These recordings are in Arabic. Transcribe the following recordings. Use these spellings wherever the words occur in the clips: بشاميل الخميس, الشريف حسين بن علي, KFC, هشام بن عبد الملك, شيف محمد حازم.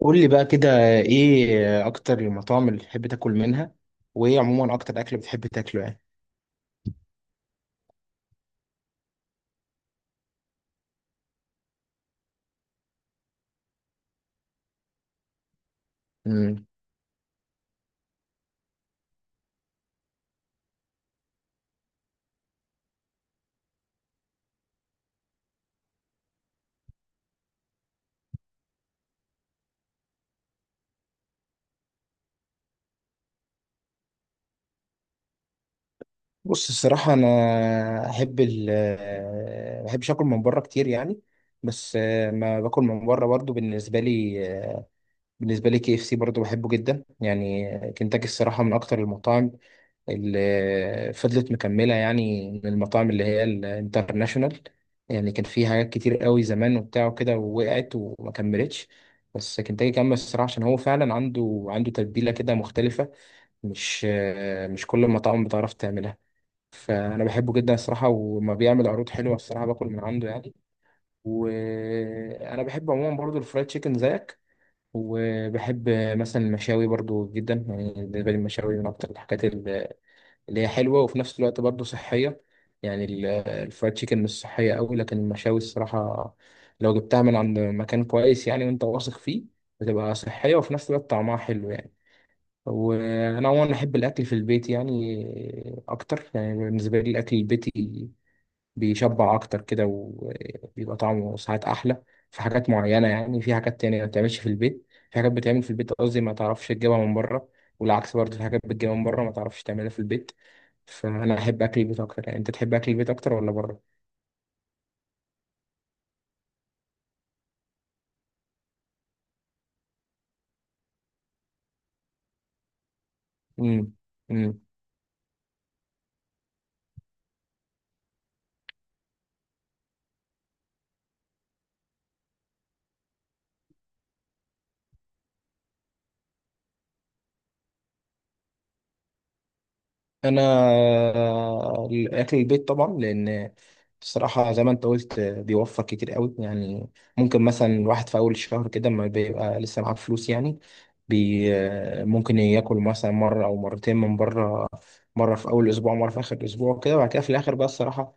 قول لي بقى كده، ايه اكتر المطاعم اللي بتحب تاكل منها؟ وايه عموما اكتر اكل بتحب تاكله يعني؟ مم. بص الصراحه، انا احب ما بحبش اكل من بره كتير يعني. بس ما باكل من بره برضو بالنسبه لي. بالنسبة لي كي اف سي برضه بحبه جدا يعني. كنتاكي الصراحة من أكتر المطاعم اللي فضلت مكملة، يعني من المطاعم اللي هي الانترناشونال. يعني كان في حاجات كتير قوي زمان وبتاع وكده، ووقعت وما كملتش، بس كنتاكي كمل الصراحة عشان هو فعلا عنده تتبيلة كده مختلفة. مش مش كل المطاعم بتعرف تعملها. فأنا بحبه جدا الصراحة، وما بيعمل عروض حلوة الصراحة باكل من عنده يعني. وأنا بحب عموما برضه الفرايد تشيكن زيك. وبحب مثلا المشاوي برضو جدا، يعني بالنسبة لي المشاوي من أكتر الحاجات اللي هي حلوة وفي نفس الوقت برضو صحية. يعني الفرايد تشيكن مش صحية أوي، لكن المشاوي الصراحة لو جبتها من عند مكان كويس يعني وأنت واثق فيه، بتبقى صحية وفي نفس الوقت طعمها حلو يعني. وأنا عموما أحب الأكل في البيت يعني أكتر، يعني بالنسبة لي الأكل البيتي بيشبع اكتر كده وبيبقى طعمه ساعات احلى. في حاجات معينه، يعني في حاجات تانية ما بتعملش في البيت، في حاجات بتعمل في البيت قصدي ما تعرفش تجيبها من بره، والعكس برضه في حاجات بتجيبها من بره ما تعرفش تعملها في البيت. فانا احب اكل البيت اكتر يعني. انت تحب اكل البيت اكتر ولا بره؟ امم انا الاكل البيت طبعا، لان بصراحه زي ما انت قلت بيوفر كتير قوي يعني. ممكن مثلا الواحد في اول الشهر كده ما بيبقى لسه معاه فلوس يعني، بي ممكن ياكل مثلا مره او مرتين من بره، مره في اول اسبوع مره في اخر اسبوع كده، وبعد كده في الاخر بقى الصراحه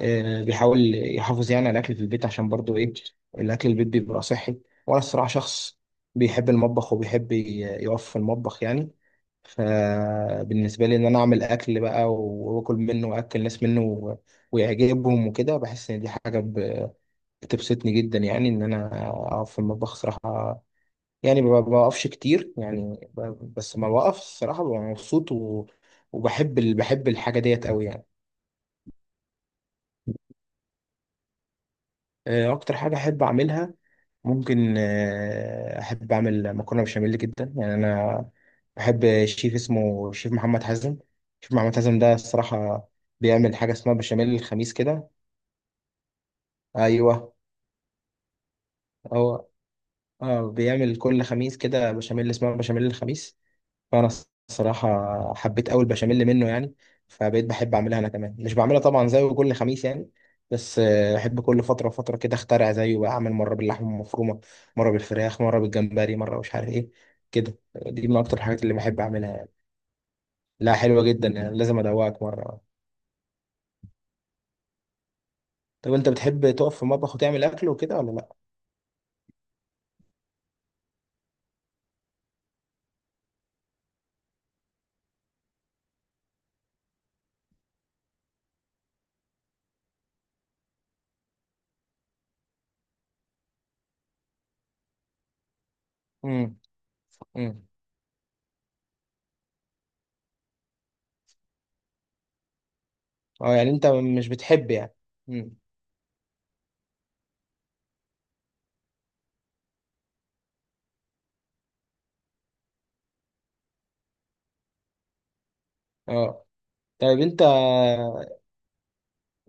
بيحاول يحافظ يعني على الاكل في البيت، عشان برضو ايه، الاكل البيت بيبقى صحي. وانا الصراحه شخص بيحب المطبخ وبيحب يقف في المطبخ يعني. فبالنسبة لي إن أنا أعمل أكل بقى وآكل منه، وأكل ناس منه ويعجبهم وكده، بحس إن دي حاجة بتبسطني جدا يعني. إن أنا أقف في المطبخ صراحة يعني، ما بوقفش كتير يعني، بس ما بوقف الصراحة ببقى مبسوط وبحب بحب الحاجة ديت أوي يعني. أكتر حاجة أحب أعملها ممكن، احب اعمل مكرونه بشاميل جدا، يعني انا بحب شيف اسمه شيف محمد حازم. شيف محمد حازم ده الصراحه بيعمل حاجه اسمها بشاميل الخميس كده. ايوه. هو اه بيعمل كل خميس كده بشاميل اسمها بشاميل الخميس. فانا الصراحه حبيت قوي البشاميل منه يعني، فبقيت بحب اعملها انا كمان. مش بعملها طبعا زيه كل خميس يعني، بس بحب كل فتره وفتره كده اخترع زيه بقى، اعمل مره باللحمه المفرومه، مره بالفراخ، مره بالجمبري، مره مش عارف ايه كده. دي من اكتر الحاجات اللي بحب اعملها يعني. لا، حلوه جدا يعني، لازم ادوقك مره. طب انت بتحب تقف في المطبخ وتعمل اكل وكده ولا لا؟ امم. امم. اه، يعني انت مش بتحب يعني. امم. اه، طيب انت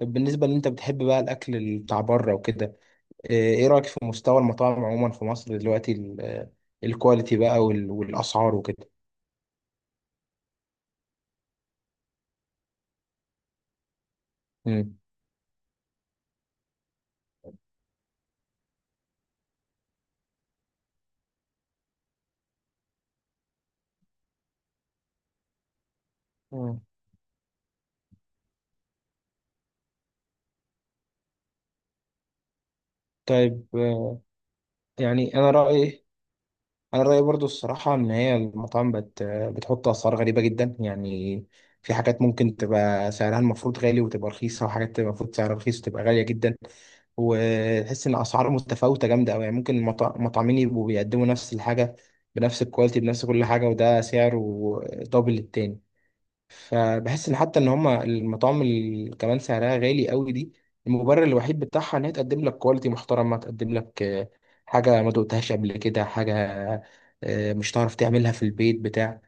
بالنسبه ان انت بتحب بقى الاكل بتاع بره وكده، ايه رأيك في مستوى المطاعم عموما في مصر دلوقتي، الكواليتي بقى والأسعار وكده؟ مم. مم. طيب. يعني انا رأيي برضو الصراحة ان هي المطاعم بتحط اسعار غريبة جدا يعني. في حاجات ممكن تبقى سعرها المفروض غالي وتبقى رخيصة، وحاجات تبقى المفروض سعرها رخيص وتبقى غالية جدا. وتحس ان اسعار متفاوتة جامدة قوي، يعني ممكن المطعمين يبقوا بيقدموا نفس الحاجة بنفس الكواليتي بنفس كل حاجة، وده سعره دبل التاني. فبحس ان حتى ان هما المطاعم اللي كمان سعرها غالي قوي دي، المبرر الوحيد بتاعها ان هي تقدم لك كواليتي محترمه، تقدم لك حاجه ما دقتهاش قبل كده، حاجه مش هتعرف تعملها في البيت بتاع.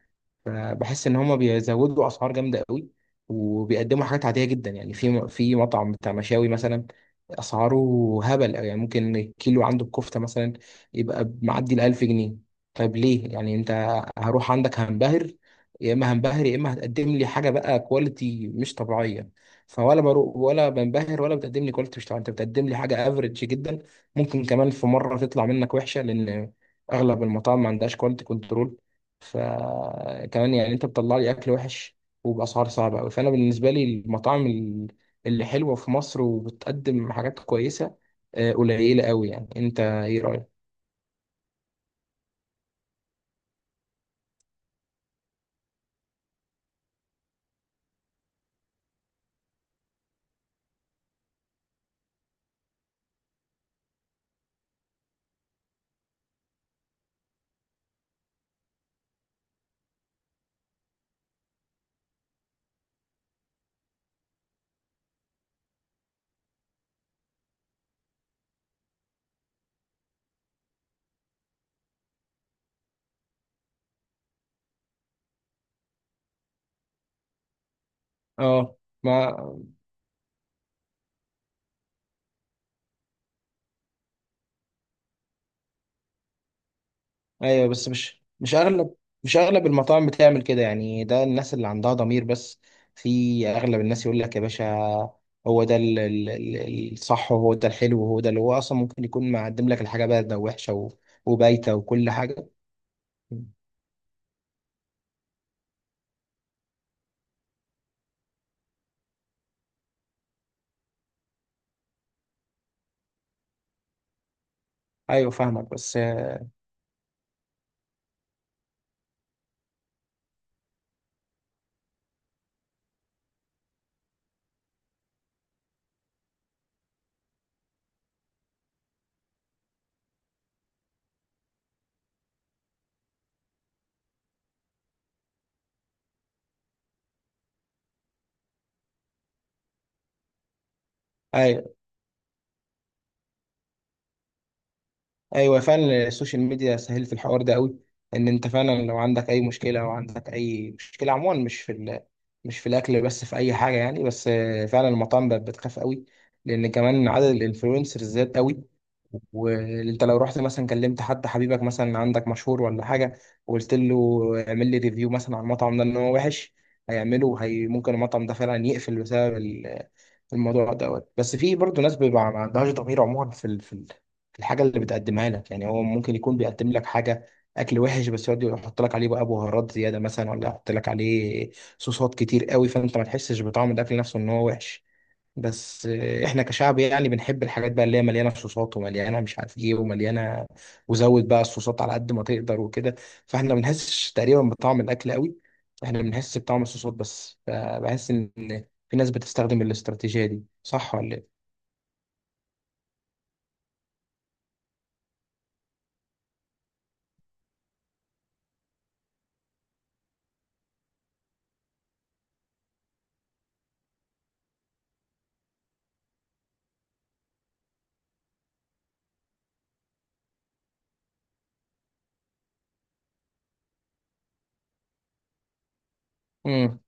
فبحس ان هما بيزودوا اسعار جامده قوي، وبيقدموا حاجات عاديه جدا يعني. في مطعم بتاع مشاوي مثلا، اسعاره هبل أوي. يعني ممكن الكيلو عنده الكفته مثلا يبقى معدي ال 1000 جنيه. طيب ليه؟ يعني انت هروح عندك هنبهر، يا اما هنبهر يا اما هتقدم لي حاجه بقى كواليتي مش طبيعيه. فولا بروح ولا بنبهر، ولا بتقدم لي كواليتي مش طبيعيه، انت بتقدم لي حاجه افريج جدا، ممكن كمان في مره تطلع منك وحشه، لان اغلب المطاعم ما عندهاش كواليتي كنترول. فكمان يعني انت بتطلع لي اكل وحش وباسعار صعبه قوي. فانا بالنسبه لي المطاعم اللي حلوه في مصر وبتقدم حاجات كويسه قليله قوي يعني. انت ايه رايك؟ اه. ما. ايوه، بس مش اغلب، مش اغلب المطاعم بتعمل كده يعني. ده الناس اللي عندها ضمير بس، في اغلب الناس يقول لك يا باشا، هو ده الصح وهو ده الحلو، وهو ده اللي هو اصلا ممكن يكون مقدم لك الحاجه بارده ووحشه وبايته وكل حاجه. ايوه، فاهمك بس. ايوه، ايوه، فعلا السوشيال ميديا سهل في الحوار ده قوي، ان انت فعلا لو عندك اي مشكله، او عندك اي مشكله عموما، مش في مش في الاكل بس، في اي حاجه يعني. بس فعلا المطاعم بقت بتخاف قوي، لان كمان عدد الانفلونسرز زاد قوي. وانت لو رحت مثلا كلمت حد حبيبك مثلا، عندك مشهور ولا حاجه، وقلت له اعمل لي ريفيو مثلا على المطعم ده ان هو وحش، هيعمله. هي ممكن المطعم ده فعلا يقفل بسبب الموضوع دوت. بس في برضه ناس بيبقى ما عندهاش ضمير عموما، في الحاجه اللي بتقدمها لك يعني. هو ممكن يكون بيقدم لك حاجه اكل وحش، بس يقعد يحط لك عليه بقى بهارات زياده مثلا، ولا يحط لك عليه صوصات كتير قوي، فانت ما تحسش بطعم الاكل نفسه ان هو وحش. بس احنا كشعب يعني بنحب الحاجات بقى اللي هي مليانه صوصات ومليانه مش عارف ايه ومليانه، وزود بقى الصوصات على قد ما تقدر وكده. فاحنا ما بنحسش تقريبا بطعم الاكل قوي، احنا بنحس بطعم الصوصات بس. فبحس ان في ناس بتستخدم الاستراتيجيه دي، صح ولا ايه؟